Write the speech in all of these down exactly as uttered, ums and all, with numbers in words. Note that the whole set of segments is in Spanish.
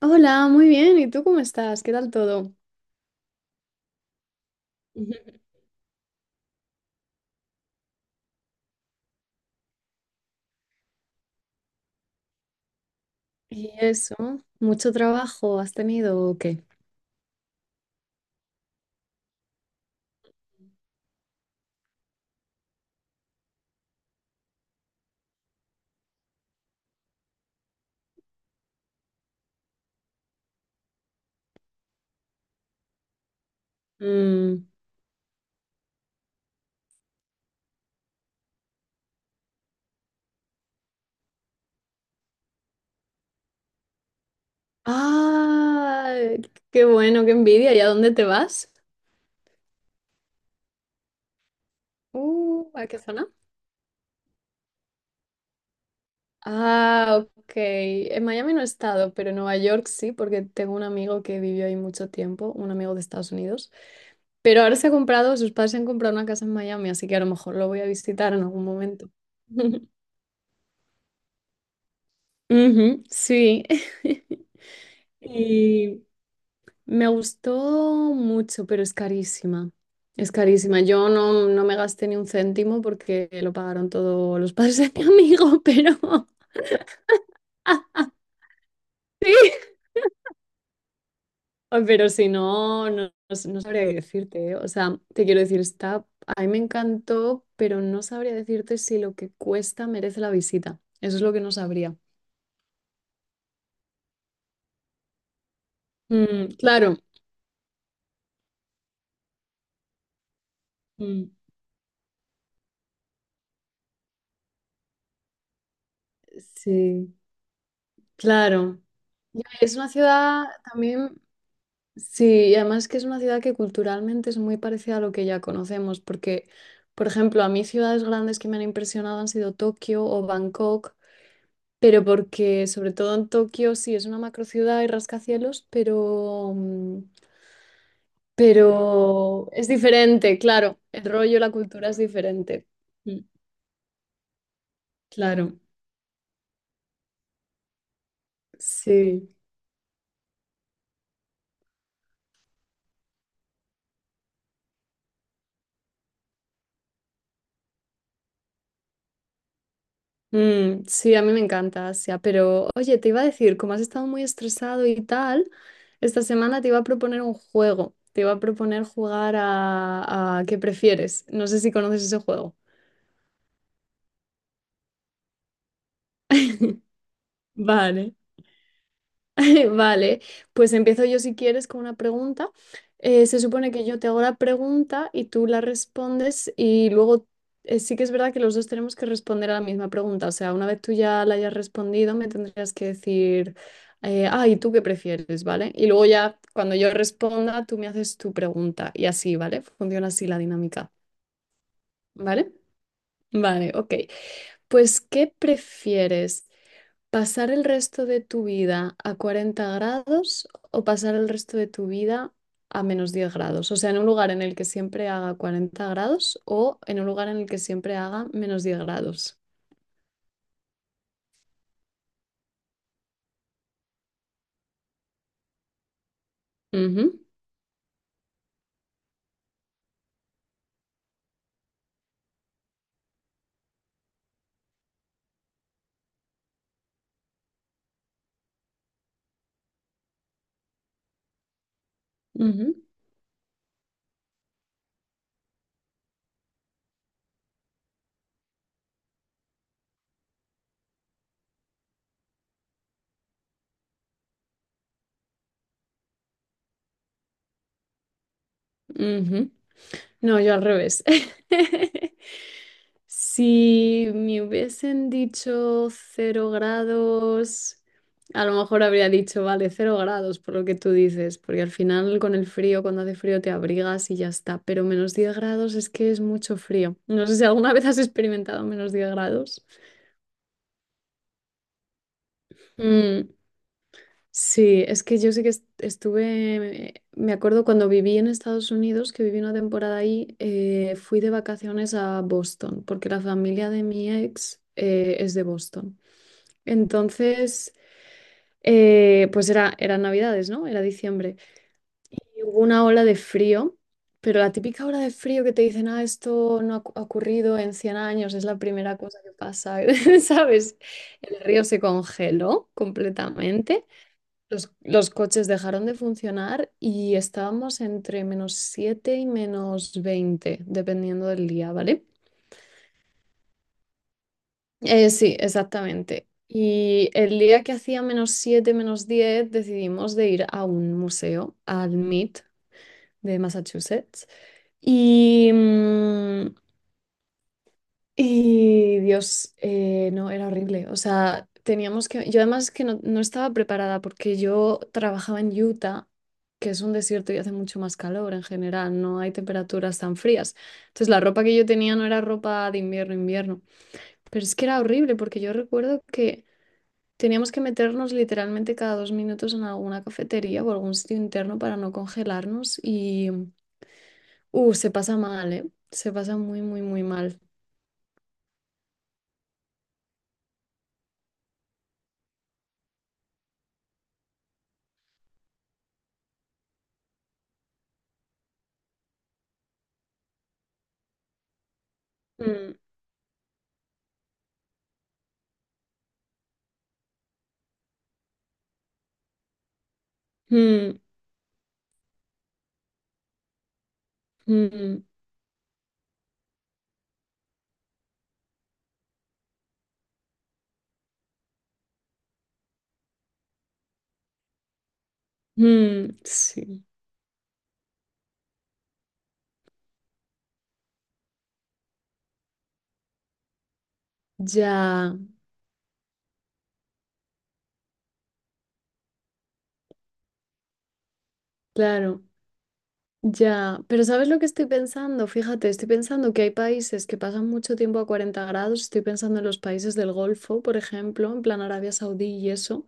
Hola, muy bien. ¿Y tú cómo estás? ¿Qué tal todo? Y eso, ¿mucho trabajo has tenido o qué? Mm. ¡Ah! Qué bueno, qué envidia. ¿Y a dónde te vas? Uh, ¿a qué zona? Ah, ok. En Miami no he estado, pero en Nueva York sí, porque tengo un amigo que vivió ahí mucho tiempo, un amigo de Estados Unidos. Pero ahora se ha comprado, sus padres se han comprado una casa en Miami, así que a lo mejor lo voy a visitar en algún momento. Ujú, sí. Y, Me gustó mucho, pero es carísima. Es carísima. Yo no, no me gasté ni un céntimo porque lo pagaron todos los padres de mi amigo, pero... sí. Ay, pero si no, no, no no sabría qué decirte, ¿eh? O sea, te quiero decir, está... A mí me encantó, pero no sabría decirte si lo que cuesta merece la visita. Eso es lo que no sabría. Mm, claro. Mm, sí, claro. Ya. Es una ciudad también. Sí, y además que es una ciudad que culturalmente es muy parecida a lo que ya conocemos, porque, por ejemplo, a mí ciudades grandes que me han impresionado han sido Tokio o Bangkok, pero porque sobre todo en Tokio sí es una macrociudad y rascacielos, pero, mm, pero es diferente, claro, el rollo, la cultura es diferente. Mm, claro, sí. Mm, sí, a mí me encanta Asia, pero oye, te iba a decir, como has estado muy estresado y tal, esta semana te iba a proponer un juego, te iba a proponer jugar a, a ¿qué prefieres? No sé si conoces ese juego. Vale. Vale, pues empiezo yo si quieres con una pregunta. Eh, se supone que yo te hago la pregunta y tú la respondes y luego, eh, sí que es verdad que los dos tenemos que responder a la misma pregunta. O sea, una vez tú ya la hayas respondido, me tendrías que decir, eh, ah, ¿y tú qué prefieres? ¿Vale? Y luego ya cuando yo responda, tú me haces tu pregunta y así, ¿vale? Funciona así la dinámica, ¿vale? Vale, ok. Pues, ¿qué prefieres? ¿Pasar el resto de tu vida a cuarenta grados o pasar el resto de tu vida a menos diez grados? O sea, en un lugar en el que siempre haga cuarenta grados o en un lugar en el que siempre haga menos diez grados. Ujú, ujú, ujú. No, yo al revés. Si me hubiesen dicho cero grados, a lo mejor habría dicho, vale, cero grados, por lo que tú dices, porque al final con el frío, cuando hace frío te abrigas y ya está, pero menos diez grados es que es mucho frío. No sé si alguna vez has experimentado menos diez grados. Mm. Sí, es que yo sé que est- estuve, me acuerdo cuando viví en Estados Unidos, que viví una temporada ahí, eh, fui de vacaciones a Boston, porque la familia de mi ex eh, es de Boston. Entonces, eh, pues era, eran Navidades, ¿no? Era diciembre. Y hubo una ola de frío, pero la típica ola de frío que te dicen, ah, esto no ha cu- ha ocurrido en cien años, es la primera cosa que pasa, ¿sabes? El río se congeló completamente. Los, los coches dejaron de funcionar y estábamos entre menos siete y menos veinte dependiendo del día, ¿vale? Eh, sí, exactamente. Y el día que hacía menos siete menos diez decidimos de ir a un museo, al M I T de Massachusetts. Y, mm, Y Dios, eh, no, era horrible. O sea, teníamos que... Yo además que no, no estaba preparada porque yo trabajaba en Utah, que es un desierto y hace mucho más calor en general, no hay temperaturas tan frías. Entonces la ropa que yo tenía no era ropa de invierno, invierno. Pero es que era horrible porque yo recuerdo que teníamos que meternos literalmente cada dos minutos en alguna cafetería o algún sitio interno para no congelarnos y... Uh, se pasa mal, ¿eh? Se pasa muy, muy, muy mal. Mm, mm, mm. Mm, sí, ya, claro, ya. Pero ¿sabes lo que estoy pensando? Fíjate, estoy pensando que hay países que pasan mucho tiempo a cuarenta grados. Estoy pensando en los países del Golfo, por ejemplo, en plan Arabia Saudí y eso.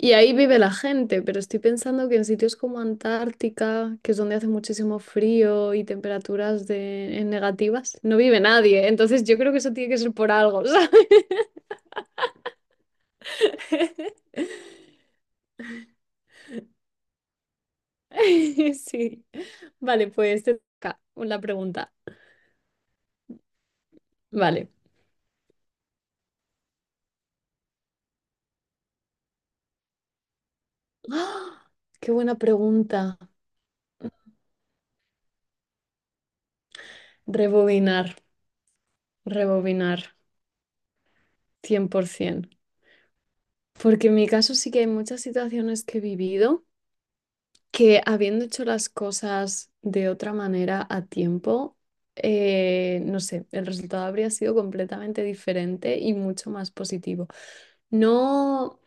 Y ahí vive la gente, pero estoy pensando que en sitios como Antártica, que es donde hace muchísimo frío y temperaturas de, en negativas, no vive nadie. Entonces yo creo que eso tiene que ser por algo, ¿sabes? Sí. Vale, pues te toca una pregunta. Vale. ¡Ah! ¡Qué buena pregunta! Rebobinar, rebobinar, cien por ciento. Porque en mi caso sí que hay muchas situaciones que he vivido que habiendo hecho las cosas de otra manera a tiempo, eh, no sé, el resultado habría sido completamente diferente y mucho más positivo. No,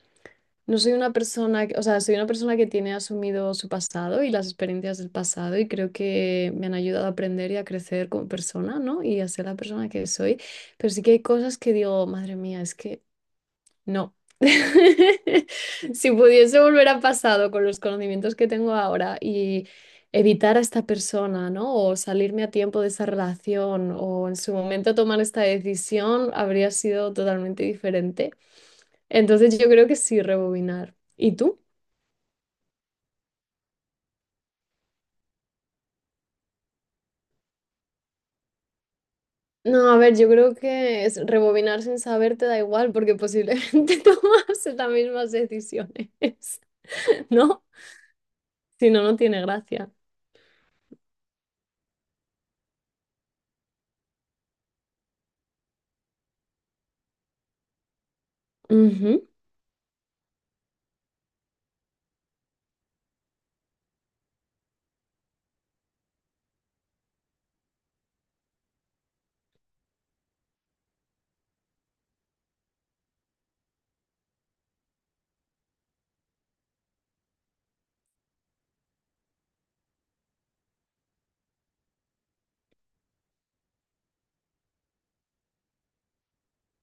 no soy una persona, que- o sea, soy una persona que tiene asumido su pasado y las experiencias del pasado y creo que me han ayudado a aprender y a crecer como persona, ¿no? Y a ser la persona que soy. Pero sí que hay cosas que digo, madre mía, es que no. Si pudiese volver al pasado con los conocimientos que tengo ahora y evitar a esta persona, ¿no? O salirme a tiempo de esa relación o en su momento tomar esta decisión, habría sido totalmente diferente. Entonces yo creo que sí, rebobinar. ¿Y tú? No, a ver, yo creo que es rebobinar sin saber te da igual porque posiblemente tomas las mismas decisiones, ¿no? Si no, no tiene gracia. Ujú,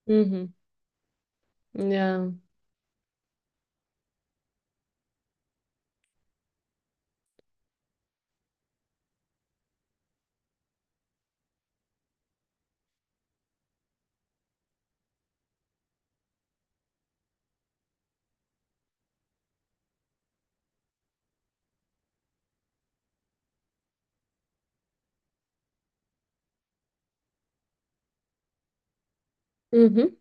ujú, ya. Ujú,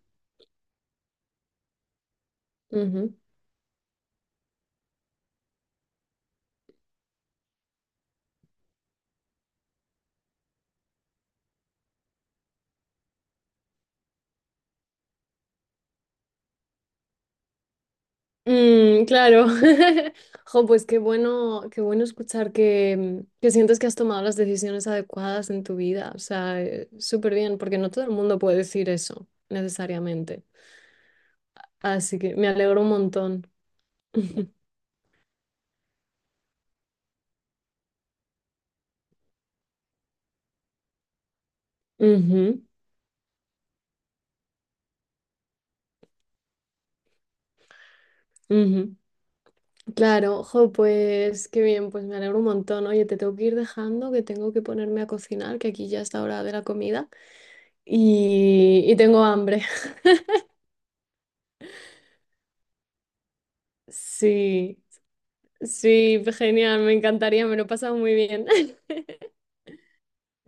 ujú. Mm, claro. Jo, pues qué bueno, qué bueno escuchar que, que sientes que has tomado las decisiones adecuadas en tu vida. O sea, eh, súper bien, porque no todo el mundo puede decir eso necesariamente. Así que me alegro un montón. Ujú, ujú. Claro, jo, pues qué bien, pues me alegro un montón. Oye, te tengo que ir dejando, que tengo que ponerme a cocinar, que aquí ya es la hora de la comida y, y tengo hambre. Sí, sí, pues genial, me encantaría, me lo he pasado muy bien.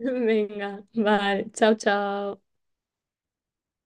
Venga, vale, chao, chao.